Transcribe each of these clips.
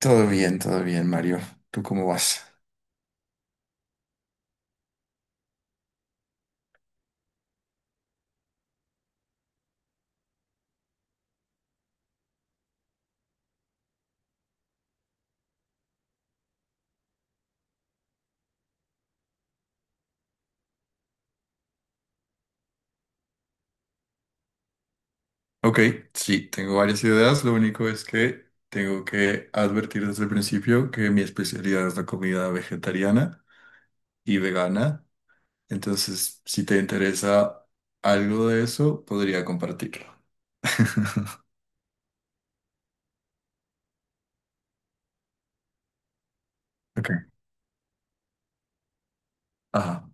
Todo bien, Mario. ¿Tú cómo vas? Ok, sí, tengo varias ideas. Lo único es que tengo que advertir desde el principio que mi especialidad es la comida vegetariana y vegana. Entonces, si te interesa algo de eso, podría compartirlo. Ok. Ajá.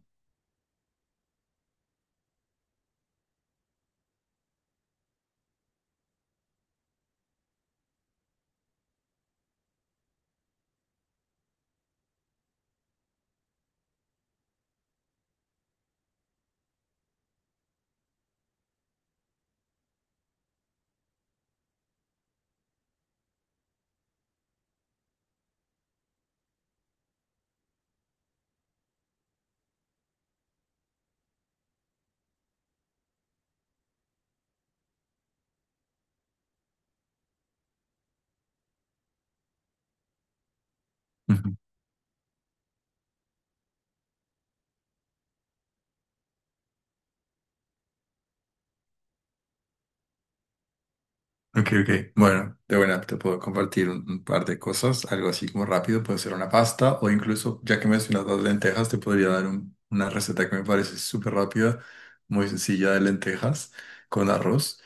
Ok, ok. Bueno, de buena te puedo compartir un par de cosas, algo así como rápido, puede ser una pasta o incluso, ya que mencionas las lentejas, te podría dar una receta que me parece súper rápida, muy sencilla de lentejas con arroz.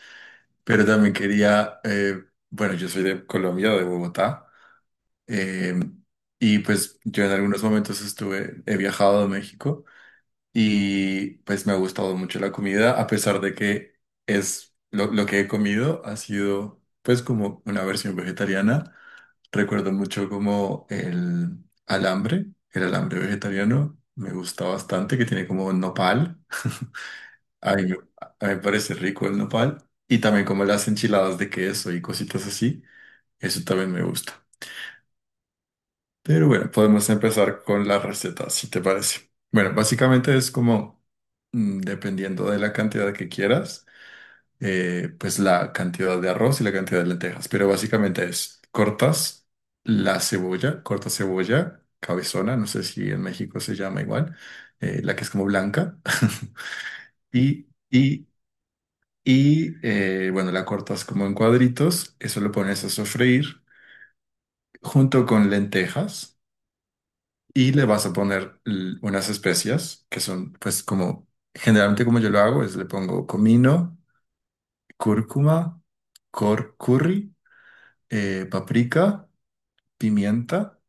Pero también quería, bueno, yo soy de Colombia, de Bogotá, eh, y pues yo en algunos momentos estuve, he viajado a México. Y pues me ha gustado mucho la comida, a pesar de que es lo que he comido ha sido pues como una versión vegetariana. Recuerdo mucho como el alambre vegetariano, me gusta bastante, que tiene como nopal. A mí, a mí me parece rico el nopal. Y también como las enchiladas de queso y cositas así, eso también me gusta. Pero bueno, podemos empezar con la receta, si te parece. Bueno, básicamente es como, dependiendo de la cantidad que quieras, pues la cantidad de arroz y la cantidad de lentejas. Pero básicamente es, cortas la cebolla, corta cebolla, cabezona, no sé si en México se llama igual, la que es como blanca. Y, y, y bueno, la cortas como en cuadritos, eso lo pones a sofreír junto con lentejas. Y le vas a poner unas especias que son, pues, como generalmente como yo lo hago, es le pongo comino, cúrcuma, cor curry, paprika, pimienta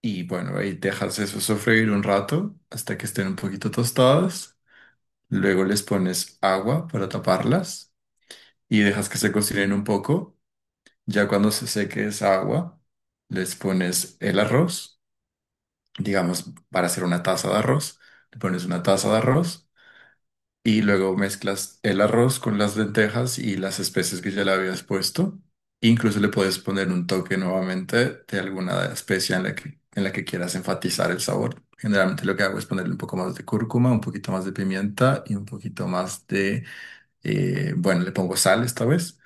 y bueno, ahí dejas eso sofreír un rato hasta que estén un poquito tostadas. Luego les pones agua para taparlas y dejas que se cocinen un poco. Ya cuando se seque esa agua, les pones el arroz, digamos, para hacer una taza de arroz, le pones una taza de arroz y luego mezclas el arroz con las lentejas y las especies que ya le habías puesto. Incluso le puedes poner un toque nuevamente de alguna especie en la que quieras enfatizar el sabor. Generalmente lo que hago es ponerle un poco más de cúrcuma, un poquito más de pimienta y un poquito más de, bueno, le pongo sal esta vez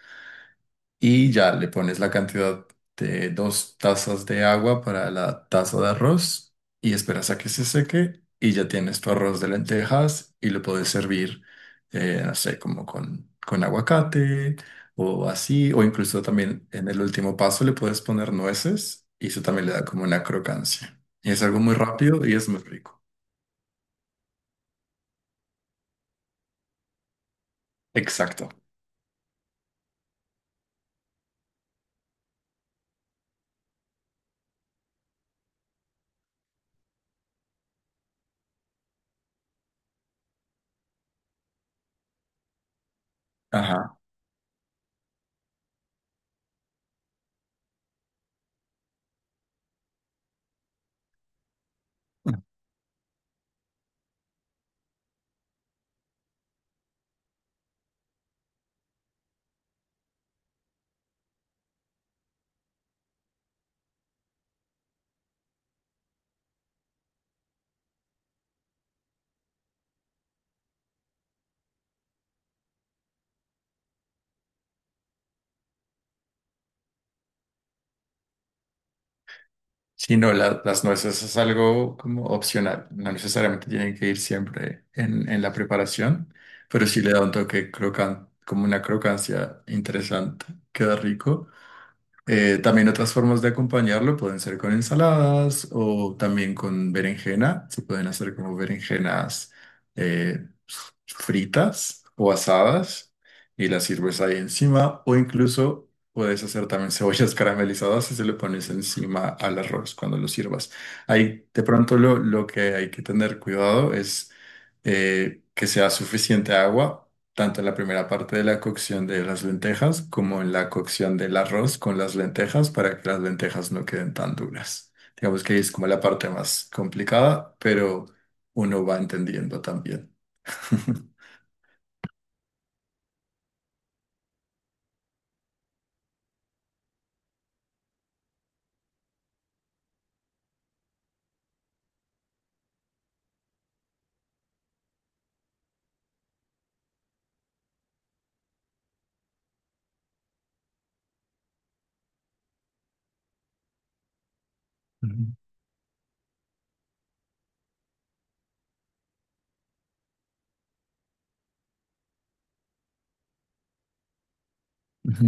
y ya le pones la cantidad de dos tazas de agua para la taza de arroz y esperas a que se seque y ya tienes tu arroz de lentejas y lo puedes servir, no sé, como con aguacate o así, o incluso también en el último paso le puedes poner nueces y eso también le da como una crocancia. Y es algo muy rápido y es muy rico. Exacto. Ajá. Sí, no, las nueces es algo como opcional, no necesariamente tienen que ir siempre en la preparación, pero sí le da un toque crocan, como una crocancia interesante, queda rico. También otras formas de acompañarlo pueden ser con ensaladas o también con berenjena. Se pueden hacer como berenjenas eh, fritas o asadas y las sirves ahí encima o incluso puedes hacer también cebollas caramelizadas y se le pones encima al arroz cuando lo sirvas. Ahí de pronto lo que hay que tener cuidado es que sea suficiente agua tanto en la primera parte de la cocción de las lentejas como en la cocción del arroz con las lentejas para que las lentejas no queden tan duras. Digamos que ahí es como la parte más complicada, pero uno va entendiendo también. Ujú, ujú.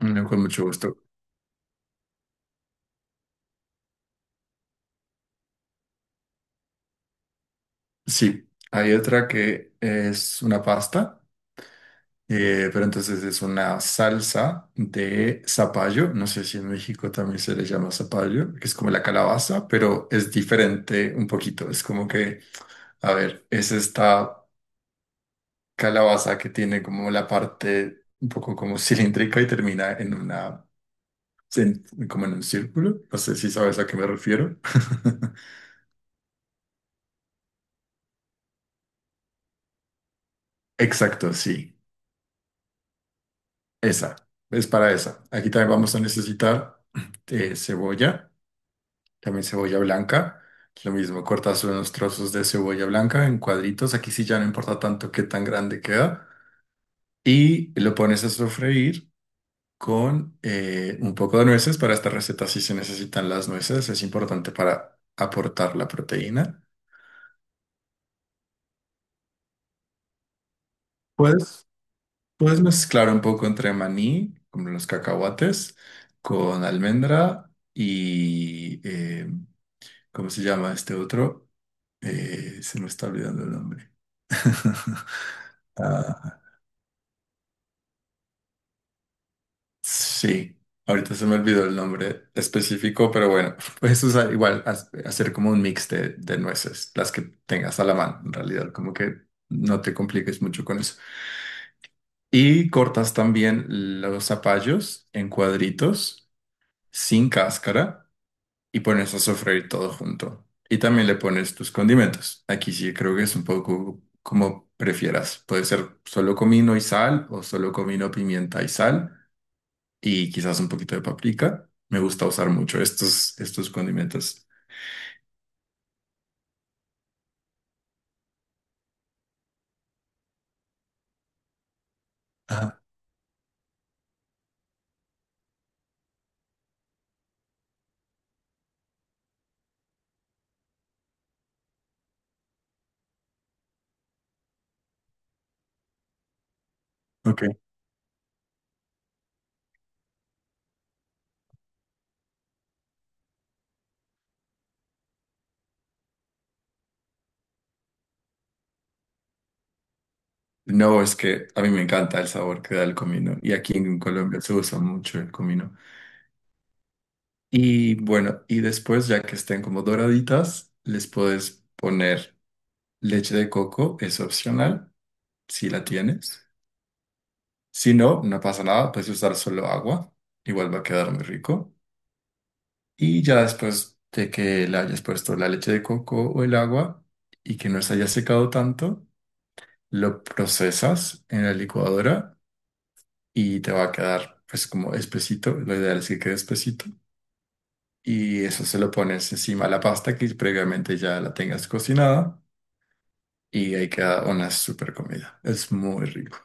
Bueno, con mucho gusto. Sí, hay otra que es una pasta, pero entonces es una salsa de zapallo. No sé si en México también se le llama zapallo, que es como la calabaza, pero es diferente un poquito. Es como que a ver, es esta calabaza que tiene como la parte un poco como cilíndrica y termina en una, como en un círculo. No sé si sabes a qué me refiero. Exacto, sí. Esa. Es para esa. Aquí también vamos a necesitar cebolla, también cebolla blanca. Lo mismo, cortas unos trozos de cebolla blanca en cuadritos. Aquí sí ya no importa tanto qué tan grande queda. Y lo pones a sofreír con un poco de nueces. Para esta receta sí se necesitan las nueces, es importante para aportar la proteína. Puedes, puedes mezclar un poco entre maní, como los cacahuates, con almendra y, ¿cómo se llama este otro? Se me está olvidando el nombre. Ah, sí, ahorita se me olvidó el nombre específico, pero bueno, puedes usar igual, hacer como un mix de nueces, las que tengas a la mano, en realidad, como que no te compliques mucho con eso. Y cortas también los zapallos en cuadritos, sin cáscara, y pones a sofreír todo junto. Y también le pones tus condimentos. Aquí sí creo que es un poco como prefieras. Puede ser solo comino y sal o solo comino, pimienta y sal y quizás un poquito de paprika. Me gusta usar mucho estos condimentos. Ah, ok. No, es que a mí me encanta el sabor que da el comino y aquí en Colombia se usa mucho el comino. Y bueno, y después ya que estén como doraditas, les puedes poner leche de coco, es opcional, si la tienes. Si no, no pasa nada, puedes usar solo agua, igual va a quedar muy rico. Y ya después de que le hayas puesto la leche de coco o el agua y que no se haya secado tanto, lo procesas en la licuadora y te va a quedar pues como espesito, lo ideal es que quede espesito y eso se lo pones encima a la pasta que previamente ya la tengas cocinada y ahí queda una super comida, es muy rico.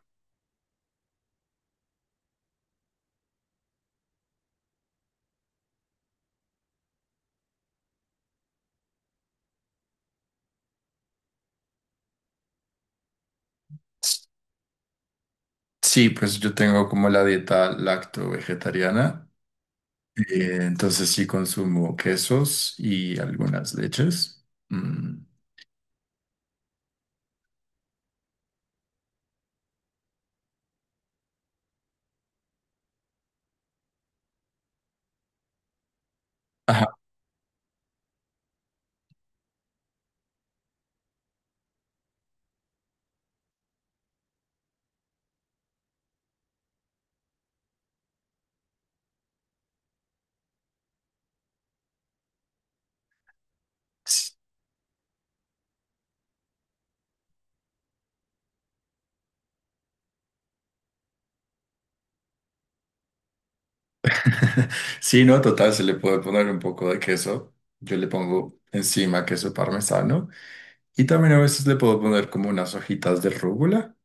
Sí, pues yo tengo como la dieta lacto-vegetariana, entonces sí consumo quesos y algunas leches. Mm. Ajá. Sí, no, total, se le puede poner un poco de queso. Yo le pongo encima queso parmesano. Y también a veces le puedo poner como unas hojitas de rúgula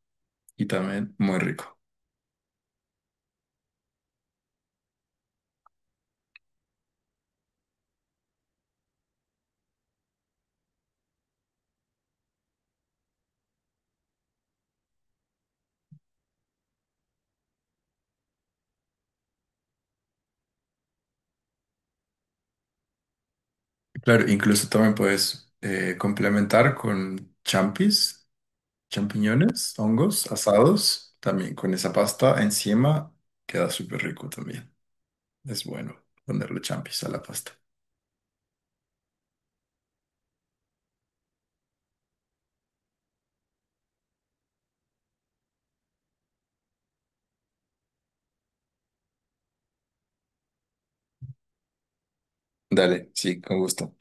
y también muy rico. Claro, incluso también puedes complementar con champis, champiñones, hongos asados, también con esa pasta encima. Queda súper rico también. Es bueno ponerle champis a la pasta. Dale, sí, con gusto.